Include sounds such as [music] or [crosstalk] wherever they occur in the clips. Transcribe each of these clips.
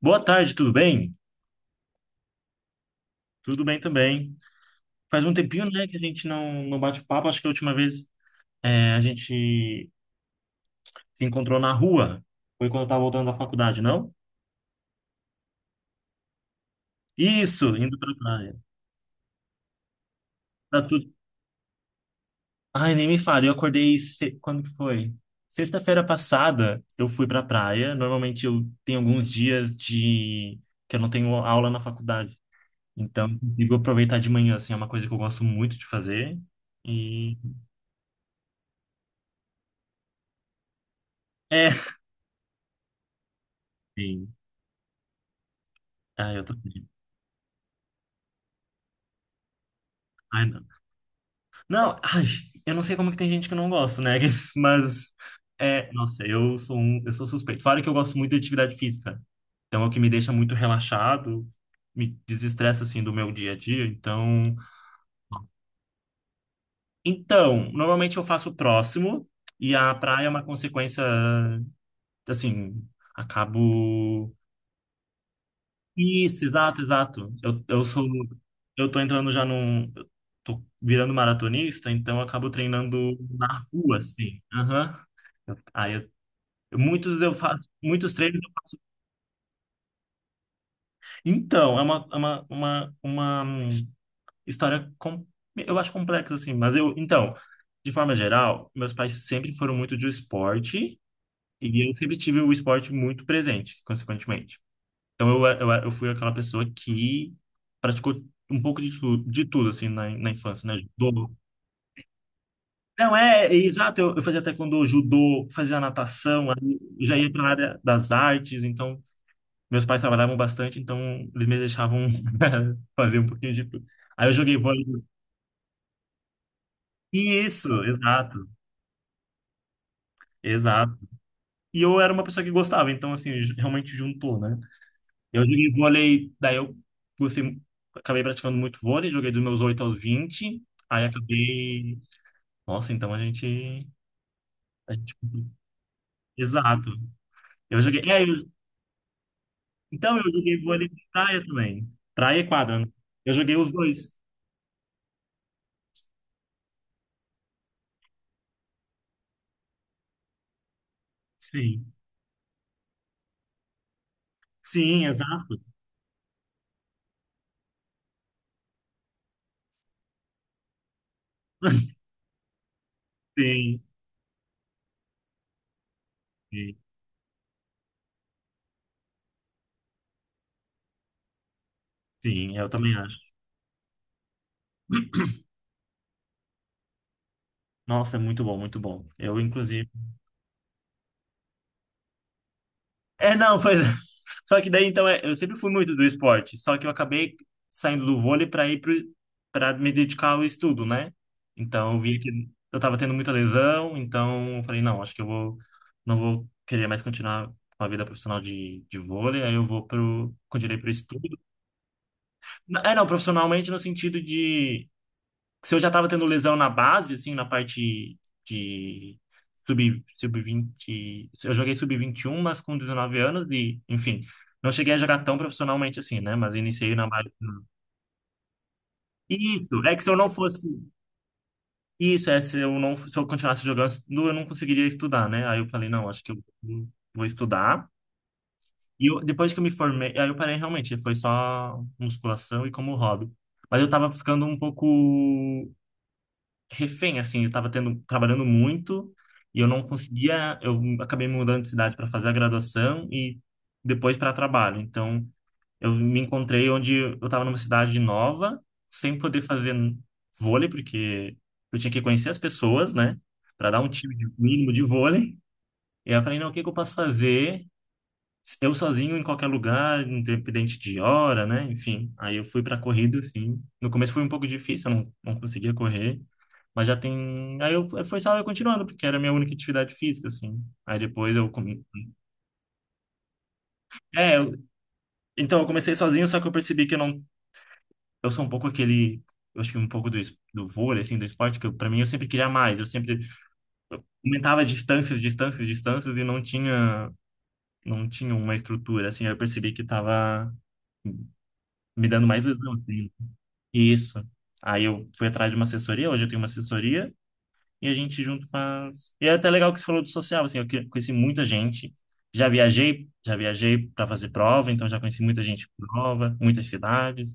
Boa tarde, tudo bem? Tudo bem também. Faz um tempinho, né, que a gente não bate papo. Acho que a última vez a gente se encontrou na rua. Foi quando eu tava voltando da faculdade, não? Isso, indo pra praia. Tá tudo... Ai, nem me fale. Eu acordei... Se... Quando que foi? Sexta-feira passada, eu fui pra praia. Normalmente eu tenho alguns dias de... que eu não tenho aula na faculdade. Então, eu consigo aproveitar de manhã, assim. É uma coisa que eu gosto muito de fazer. E... É... [laughs] Sim. Ah, eu tô... Ai, não, ai, eu não sei como é que tem gente que não gosta, né? [laughs] Mas, é, nossa, eu sou suspeito. Fora que eu gosto muito de atividade física. Então, é o que me deixa muito relaxado, me desestressa, assim, do meu dia a dia. Então, normalmente eu faço próximo e a praia é uma consequência, assim, acabo... Isso, exato, exato. Eu sou... Eu tô entrando já num... eu Tô virando maratonista, então eu acabo treinando na rua, assim. Aham. Aí eu... Muitos, eu faço muitos treinos. Então, é uma história, com, eu acho complexa, assim, mas eu, então, de forma geral, meus pais sempre foram muito de esporte e eu sempre tive o esporte muito presente, consequentemente. Então, eu fui aquela pessoa que praticou um pouco de, de tudo, assim, na infância, né? Judô. Não, é exato, eu fazia taekwondo, judô, fazia natação, aí eu já ia para a área das artes, então meus pais trabalhavam bastante, então eles me deixavam [laughs] fazer um pouquinho de tudo. Aí eu joguei vôlei. Isso, exato, exato. E eu era uma pessoa que gostava, então assim, realmente juntou, né? Eu joguei vôlei, daí eu gostei, acabei praticando muito vôlei, joguei dos meus 8 aos 20, aí acabei. Nossa, então a gente. A gente... Exato. Eu joguei. É, eu... Então eu joguei vôlei de praia também. Praia e quadra, né? Eu joguei os dois. Sim. Sim, exato. [laughs] Sim. Sim. Sim, eu também acho. Nossa, é muito bom, muito bom. Eu, inclusive. É, não, pois é. [laughs] Só que daí, então, é, eu sempre fui muito do esporte, só que eu acabei saindo do vôlei para ir para me dedicar ao estudo, né? Então, eu vi que eu tava tendo muita lesão, então eu falei, não, acho que eu vou, não vou querer mais continuar com a vida profissional de vôlei, aí eu vou pro, continuei pro estudo. É, não, profissionalmente no sentido de se eu já estava tendo lesão na base, assim, na parte de sub-20, eu joguei sub-21, mas com 19 anos e, enfim, não cheguei a jogar tão profissionalmente assim, né? Mas iniciei na base. Isso, é que se eu não fosse, isso, se eu não, se eu continuasse jogando, eu não conseguiria estudar, né? Aí eu falei, não, acho que eu vou estudar. Depois que eu me formei, aí eu parei realmente, foi só musculação e como hobby. Mas eu tava ficando um pouco refém, assim, eu tava tendo, trabalhando muito e eu não conseguia, eu acabei mudando de cidade para fazer a graduação e depois para trabalho. Então, eu me encontrei onde eu estava numa cidade nova, sem poder fazer vôlei, porque eu tinha que conhecer as pessoas, né, para dar um time mínimo de vôlei. E aí eu falei, não, o que que eu posso fazer? Eu sozinho em qualquer lugar, independente de hora, né? Enfim, aí eu fui pra corrida, assim. No começo foi um pouco difícil, eu não conseguia correr, mas já tem. Aí eu, foi só eu continuando, porque era a minha única atividade física, assim. Aí depois eu... É, eu- então eu comecei sozinho, só que eu percebi que eu não. Eu sou um pouco aquele. Eu acho que um pouco do, do vôlei, assim, do esporte, que eu, pra mim eu sempre queria mais. Eu sempre aumentava distâncias, distâncias, distâncias e não tinha, não tinha uma estrutura, assim. Aí eu percebi que tava me dando mais lesão, assim. Isso. Aí eu fui atrás de uma assessoria, hoje eu tenho uma assessoria e a gente junto faz. E é até legal que você falou do social, assim, eu conheci muita gente. Já viajei para fazer prova, então já conheci muita gente por prova, muitas cidades.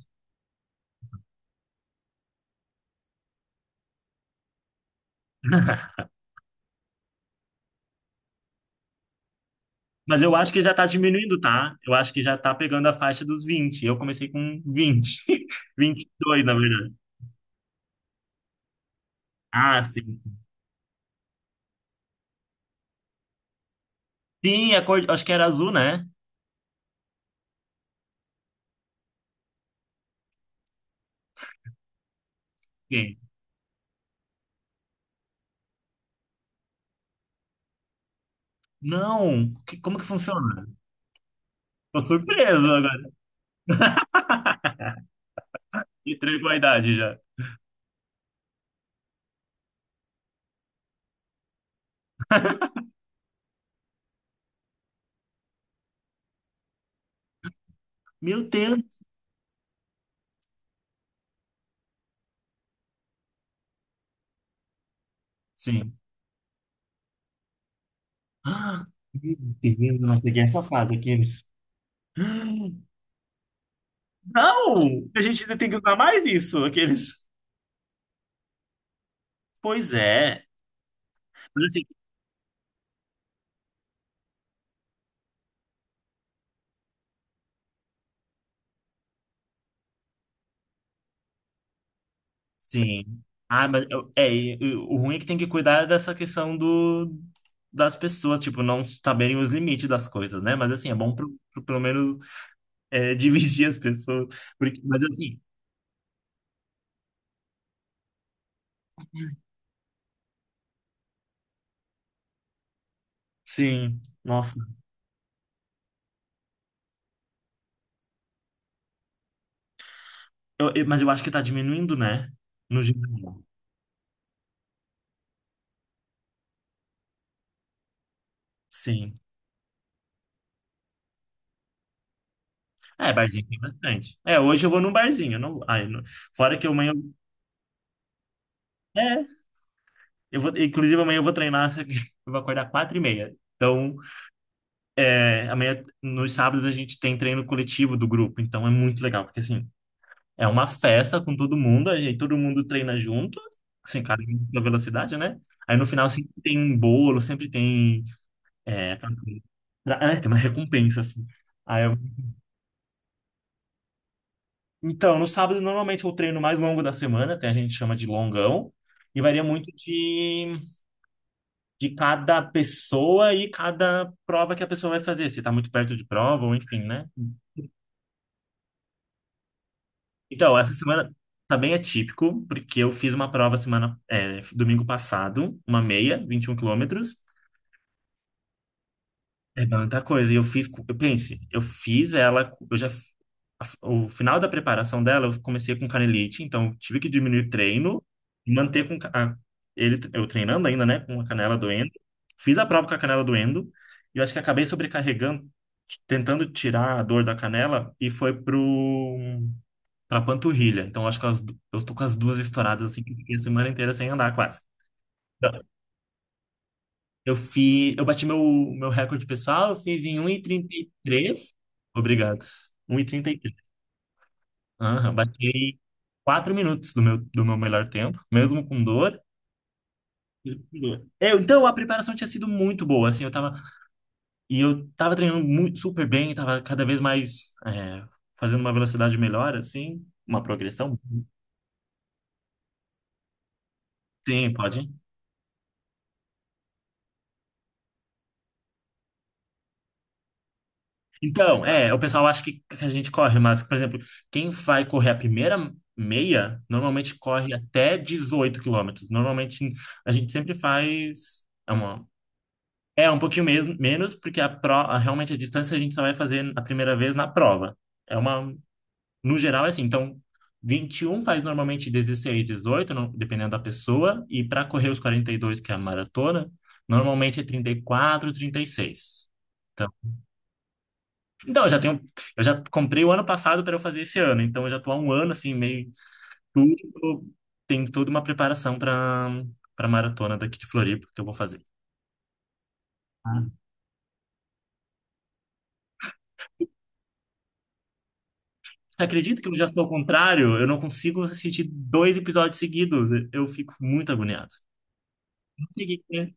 Mas eu acho que já tá diminuindo, tá? Eu acho que já tá pegando a faixa dos 20. Eu comecei com 20, [laughs] 22 na verdade. Ah, sim. Sim, a cor, acho que era azul, né? Sim. Não, como que funciona? Tô surpreso agora. Entregou a idade já. Meu Deus. Sim. Ah, meu Deus, eu não peguei essa fase, aqueles. Não! A gente ainda tem que usar mais isso, aqueles. Pois é. Mas assim, sim. Ah, mas e o ruim é que tem que cuidar dessa questão do, das pessoas, tipo, não saberem os limites das coisas, né? Mas assim, é bom pro, pelo menos [laughs] dividir as pessoas. Porque, mas assim, sim, nossa. Mas eu acho que tá diminuindo, né? No geral. Sim. É, barzinho tem bastante. É, hoje eu vou num barzinho. Eu não... Ai, não... Fora que amanhã. É, eu vou... inclusive amanhã eu vou treinar, só que [laughs] eu vou acordar 4:30. Então, amanhã, nos sábados, a gente tem treino coletivo do grupo. Então é muito legal, porque assim, é uma festa com todo mundo, aí todo mundo treina junto, assim, cada um na velocidade, né? Aí no final sempre tem um bolo, sempre tem. É, tem uma recompensa, assim. Aí, então, no sábado, normalmente é o treino mais longo da semana, até a gente chama de longão, e varia muito de cada pessoa e cada prova que a pessoa vai fazer, se está muito perto de prova ou enfim, né? Então, essa semana tá bem atípico, porque eu fiz uma prova semana, é, domingo passado, uma meia, 21 quilômetros. É muita coisa. E eu fiz, eu pense, eu fiz ela, eu já, o final da preparação dela, eu comecei com canelite, então eu tive que diminuir o treino e manter com a, ele, eu treinando ainda, né, com a canela doendo. Fiz a prova com a canela doendo e eu acho que acabei sobrecarregando, tentando tirar a dor da canela e foi pro pra panturrilha. Então eu acho que as eu tô com as duas estouradas assim que eu fiquei a semana inteira sem andar quase. Então, eu fiz, eu bati meu recorde pessoal, eu fiz em 1:33. Obrigado. Um 1h33. Aham, bati 4 minutos do meu melhor tempo, mesmo com dor. Mesmo com dor. Eu, então, a preparação tinha sido muito boa, assim, eu tava, e eu tava treinando muito, super bem, tava cada vez mais, fazendo uma velocidade melhor, assim, uma progressão. Sim, pode. Então, o pessoal acha que a gente corre, mas, por exemplo, quem vai correr a primeira meia, normalmente corre até 18 quilômetros. Normalmente, a gente sempre faz. É, uma, é um pouquinho menos, porque a pro, realmente a distância a gente só vai fazer a primeira vez na prova. É uma. No geral, é assim. Então, 21 faz normalmente 16, 18, não... dependendo da pessoa. E para correr os 42, que é a maratona, normalmente é 34, 36. Então, eu já tenho, eu já comprei o ano passado para eu fazer esse ano, então eu já tô há um ano assim, meio tudo, tem toda uma preparação para maratona daqui de Floripa que eu vou fazer. Ah. Você acredita que eu já sou ao contrário? Eu não consigo assistir dois episódios seguidos, eu fico muito agoniado. Não sei o que que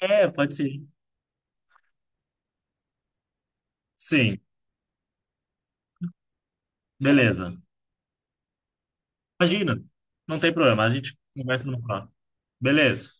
é. É, pode ser. Sim, beleza. Imagina, não tem problema, a gente conversa no próximo. Beleza.